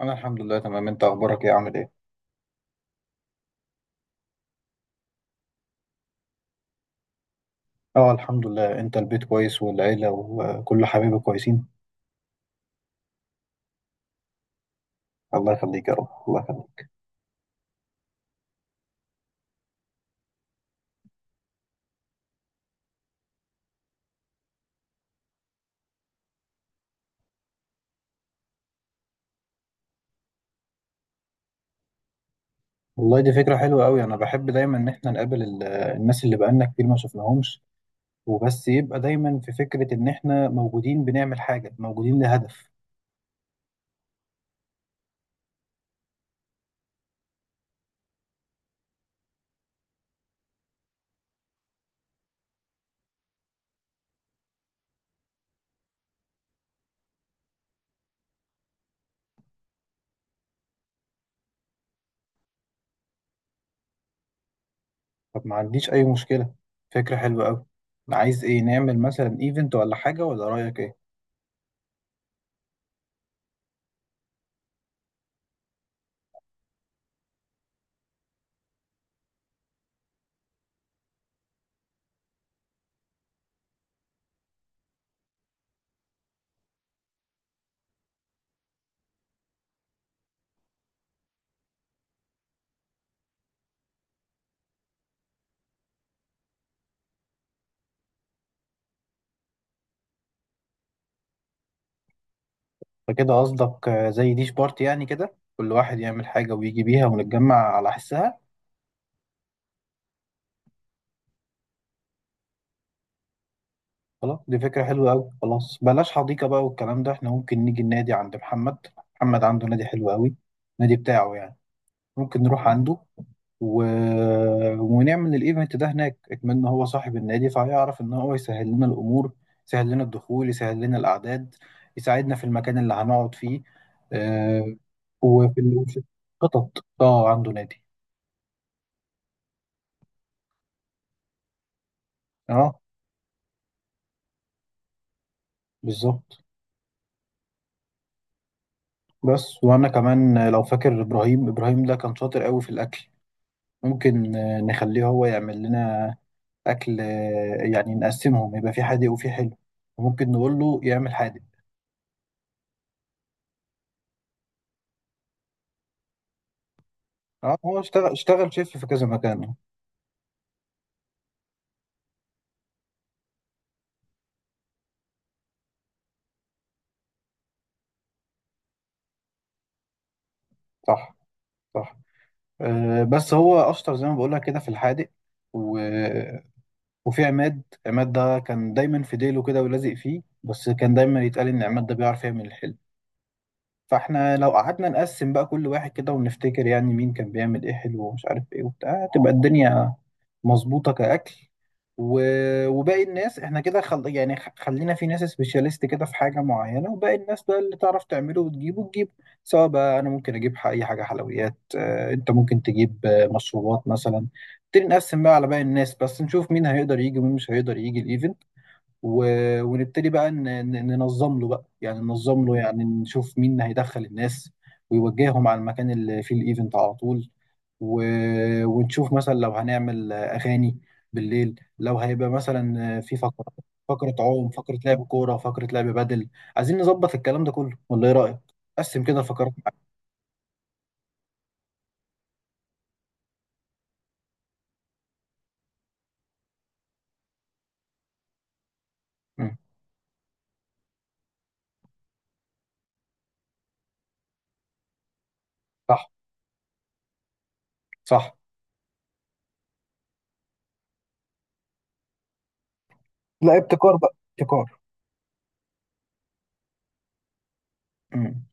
انا الحمد لله تمام. انت اخبارك ايه؟ عامل ايه؟ اه، الحمد لله. انت البيت كويس، والعيله وكل حبايبي كويسين؟ الله يخليك يا رب، الله يخليك. والله دي فكره حلوه قوي، انا بحب دايما ان احنا نقابل الناس اللي بقالنا كتير ما شفناهمش. وبس يبقى دايما في فكره ان احنا موجودين بنعمل حاجه، موجودين لهدف. طب ما عنديش اي مشكله، فكره حلوه قوي. عايز ايه؟ نعمل مثلا ايفنت ولا حاجه؟ ولا رايك ايه؟ فكده قصدك زي ديش بارتي، يعني كده كل واحد يعمل حاجه ويجي بيها ونتجمع على حسها. خلاص، دي فكرة حلوة أوي. خلاص بلاش حديقة بقى والكلام ده، احنا ممكن نيجي النادي عند محمد. محمد عنده نادي حلو أوي، النادي بتاعه يعني. ممكن نروح عنده و... ونعمل الايفنت ده هناك، اكمن هو صاحب النادي فهيعرف ان هو يسهل لنا الامور، يسهل لنا الدخول، يسهل لنا الاعداد، يساعدنا في المكان اللي هنقعد فيه. آه وفي وفي الخطط. اه، عنده نادي. اه، بالظبط. بس وانا كمان لو فاكر، ابراهيم، ابراهيم ده كان شاطر قوي في الاكل. ممكن نخليه هو يعمل لنا اكل، يعني نقسمهم يبقى في حادق وفي حلو، وممكن نقول له يعمل حادق. اه، هو اشتغل شيف في كذا مكان. صح، صح. بس هو اشطر زي ما بقول لك كده في الحادق و... وفي عماد. عماد ده كان دايما في ديله كده ولازق فيه، بس كان دايما يتقال ان عماد ده بيعرف يعمل الحلو. فاحنا لو قعدنا نقسم بقى كل واحد كده ونفتكر يعني مين كان بيعمل ايه حلو ومش عارف ايه وبتاع، تبقى الدنيا مظبوطة كأكل. و... وباقي الناس احنا كده خلينا في ناس سبيشاليست كده في حاجة معينة، وباقي الناس بقى اللي تعرف تعمله وتجيبه، تجيبه. سواء بقى انا ممكن اجيب اي حاجة حلويات، انت ممكن تجيب مشروبات مثلا. نبتدي نقسم بقى على باقي الناس، بس نشوف مين هيقدر يجي ومين مش هيقدر يجي الايفنت. ونبتدي بقى ننظم له بقى، يعني ننظم له، يعني نشوف مين اللي هيدخل الناس ويوجههم على المكان اللي فيه الايفنت على طول. و... ونشوف مثلا لو هنعمل اغاني بالليل، لو هيبقى مثلا في فقرة، فقرة عوم، فقرة لعب كورة، فقرة لعب بدل. عايزين نظبط الكلام ده كله ولا ايه رأيك؟ قسم كده الفقرات معاك. مم. صح، صح. لا، ابتكار بقى، ابتكار. مم.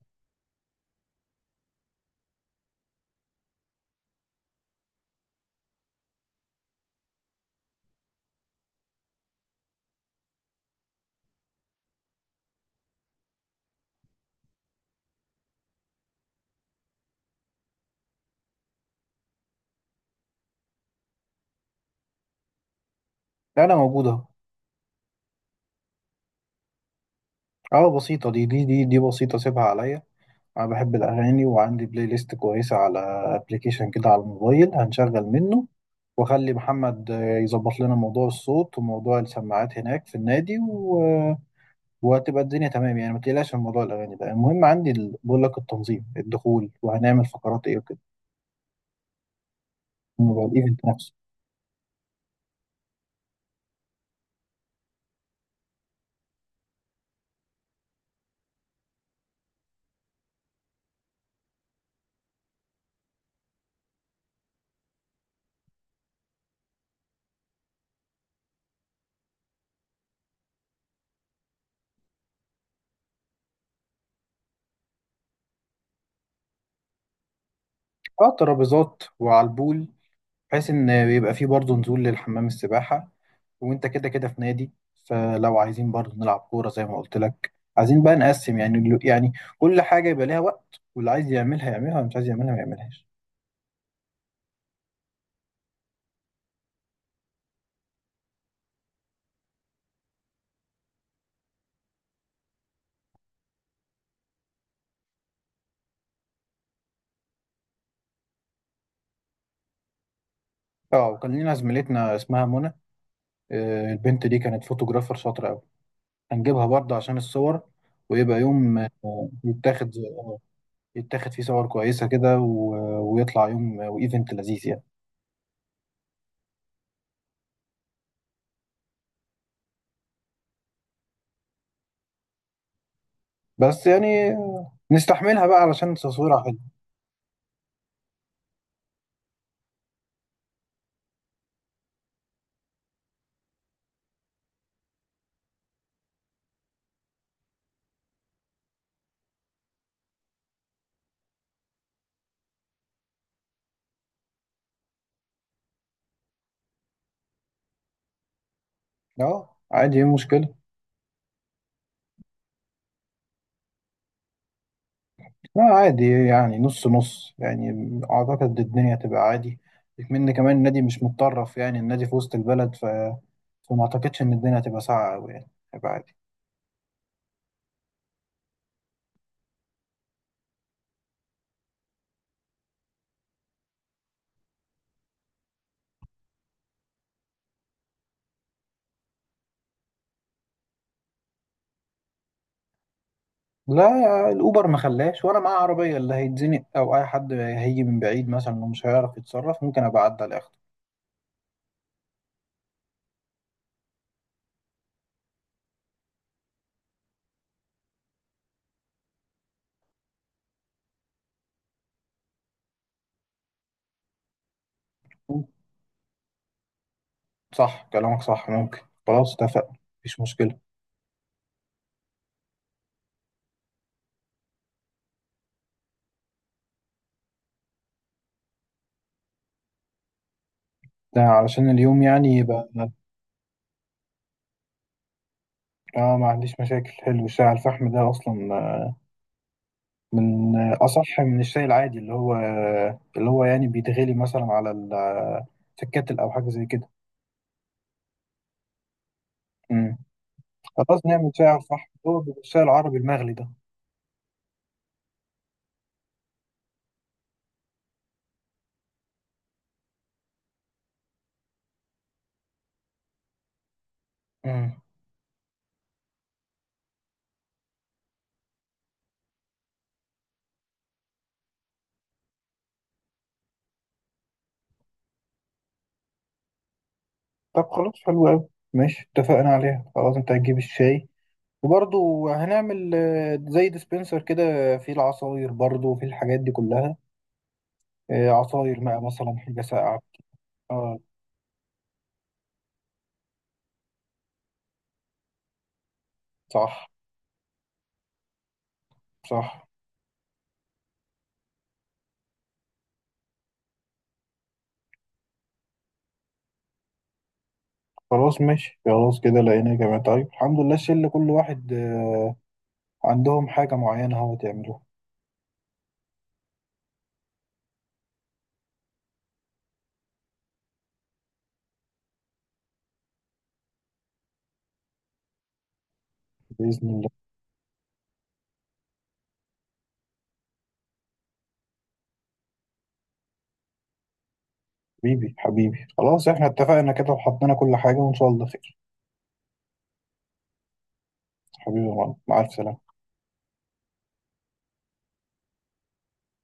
لا، انا موجود اهو. اه، بسيطة، دي بسيطة، سيبها عليا. أنا بحب الأغاني، وعندي بلاي ليست كويسة على أبليكيشن كده على الموبايل، هنشغل منه. وأخلي محمد يظبط لنا موضوع الصوت وموضوع السماعات هناك في النادي وهتبقى الدنيا تمام، يعني ما تقلقش من موضوع الأغاني ده. المهم عندي بقول لك التنظيم، الدخول، وهنعمل فقرات إيه وكده، الموضوع الإيفنت نفسه. على الترابيزات وعلى البول، بحيث ان بيبقى فيه برضه نزول للحمام السباحة، وانت كده كده في نادي. فلو عايزين برضه نلعب كورة زي ما قلت لك، عايزين بقى نقسم يعني يعني كل حاجة يبقى ليها وقت، واللي عايز يعملها يعملها، واللي مش عايز يعملها ما يعملهاش. اه، وكان لينا زميلتنا اسمها منى. البنت دي كانت فوتوغرافر شاطرة قوي، هنجيبها برضه عشان الصور، ويبقى يوم يتاخد، يتاخد فيه صور كويسة كده، ويطلع يوم وايفنت لذيذ يعني. بس يعني نستحملها بقى علشان تصويرها حلو. اه، عادي. ايه المشكلة؟ لا، عادي يعني، نص نص يعني، أعتقد الدنيا تبقى عادي. من كمان النادي مش متطرف يعني، النادي في وسط البلد، فما أعتقدش إن الدنيا هتبقى ساقعة أوي، يعني هيبقى عادي. لا، الأوبر ما خلاش وأنا معاه عربية، اللي هيتزنق أو أي حد هيجي من بعيد مثلا ومش هيعرف يتصرف ممكن أبقى أعدي على آخره. صح، كلامك صح، ممكن. خلاص اتفقنا، مفيش مشكلة. ده علشان اليوم يعني يبقى. اه، ما عنديش مشاكل. حلو الشاي على الفحم ده أصلا، من أصح من الشاي العادي، اللي هو يعني بيتغلي مثلا في الكاتل أو حاجة زي كده. مم. خلاص نعمل شاي على الفحم، هو بيبقى الشاي العربي المغلي ده. مم. طب خلاص، حلو أوي ماشي، اتفقنا عليها. خلاص أنت هتجيب الشاي، وبرضه هنعمل زي ديسبنسر كده فيه العصاير برضه، وفيه الحاجات دي كلها، عصاير بقى مثلا حاجة ساقعة. اه، صح، صح. خلاص ماشي، خلاص كده لقينا يا جماعة، طيب الحمد لله، الشله كل واحد عندهم حاجة معينة هو تعملوها. بإذن الله. حبيبي، حبيبي، خلاص احنا اتفقنا كده وحطينا كل حاجة، وإن شاء الله خير. حبيبي يا معلم، مع الف سلامة.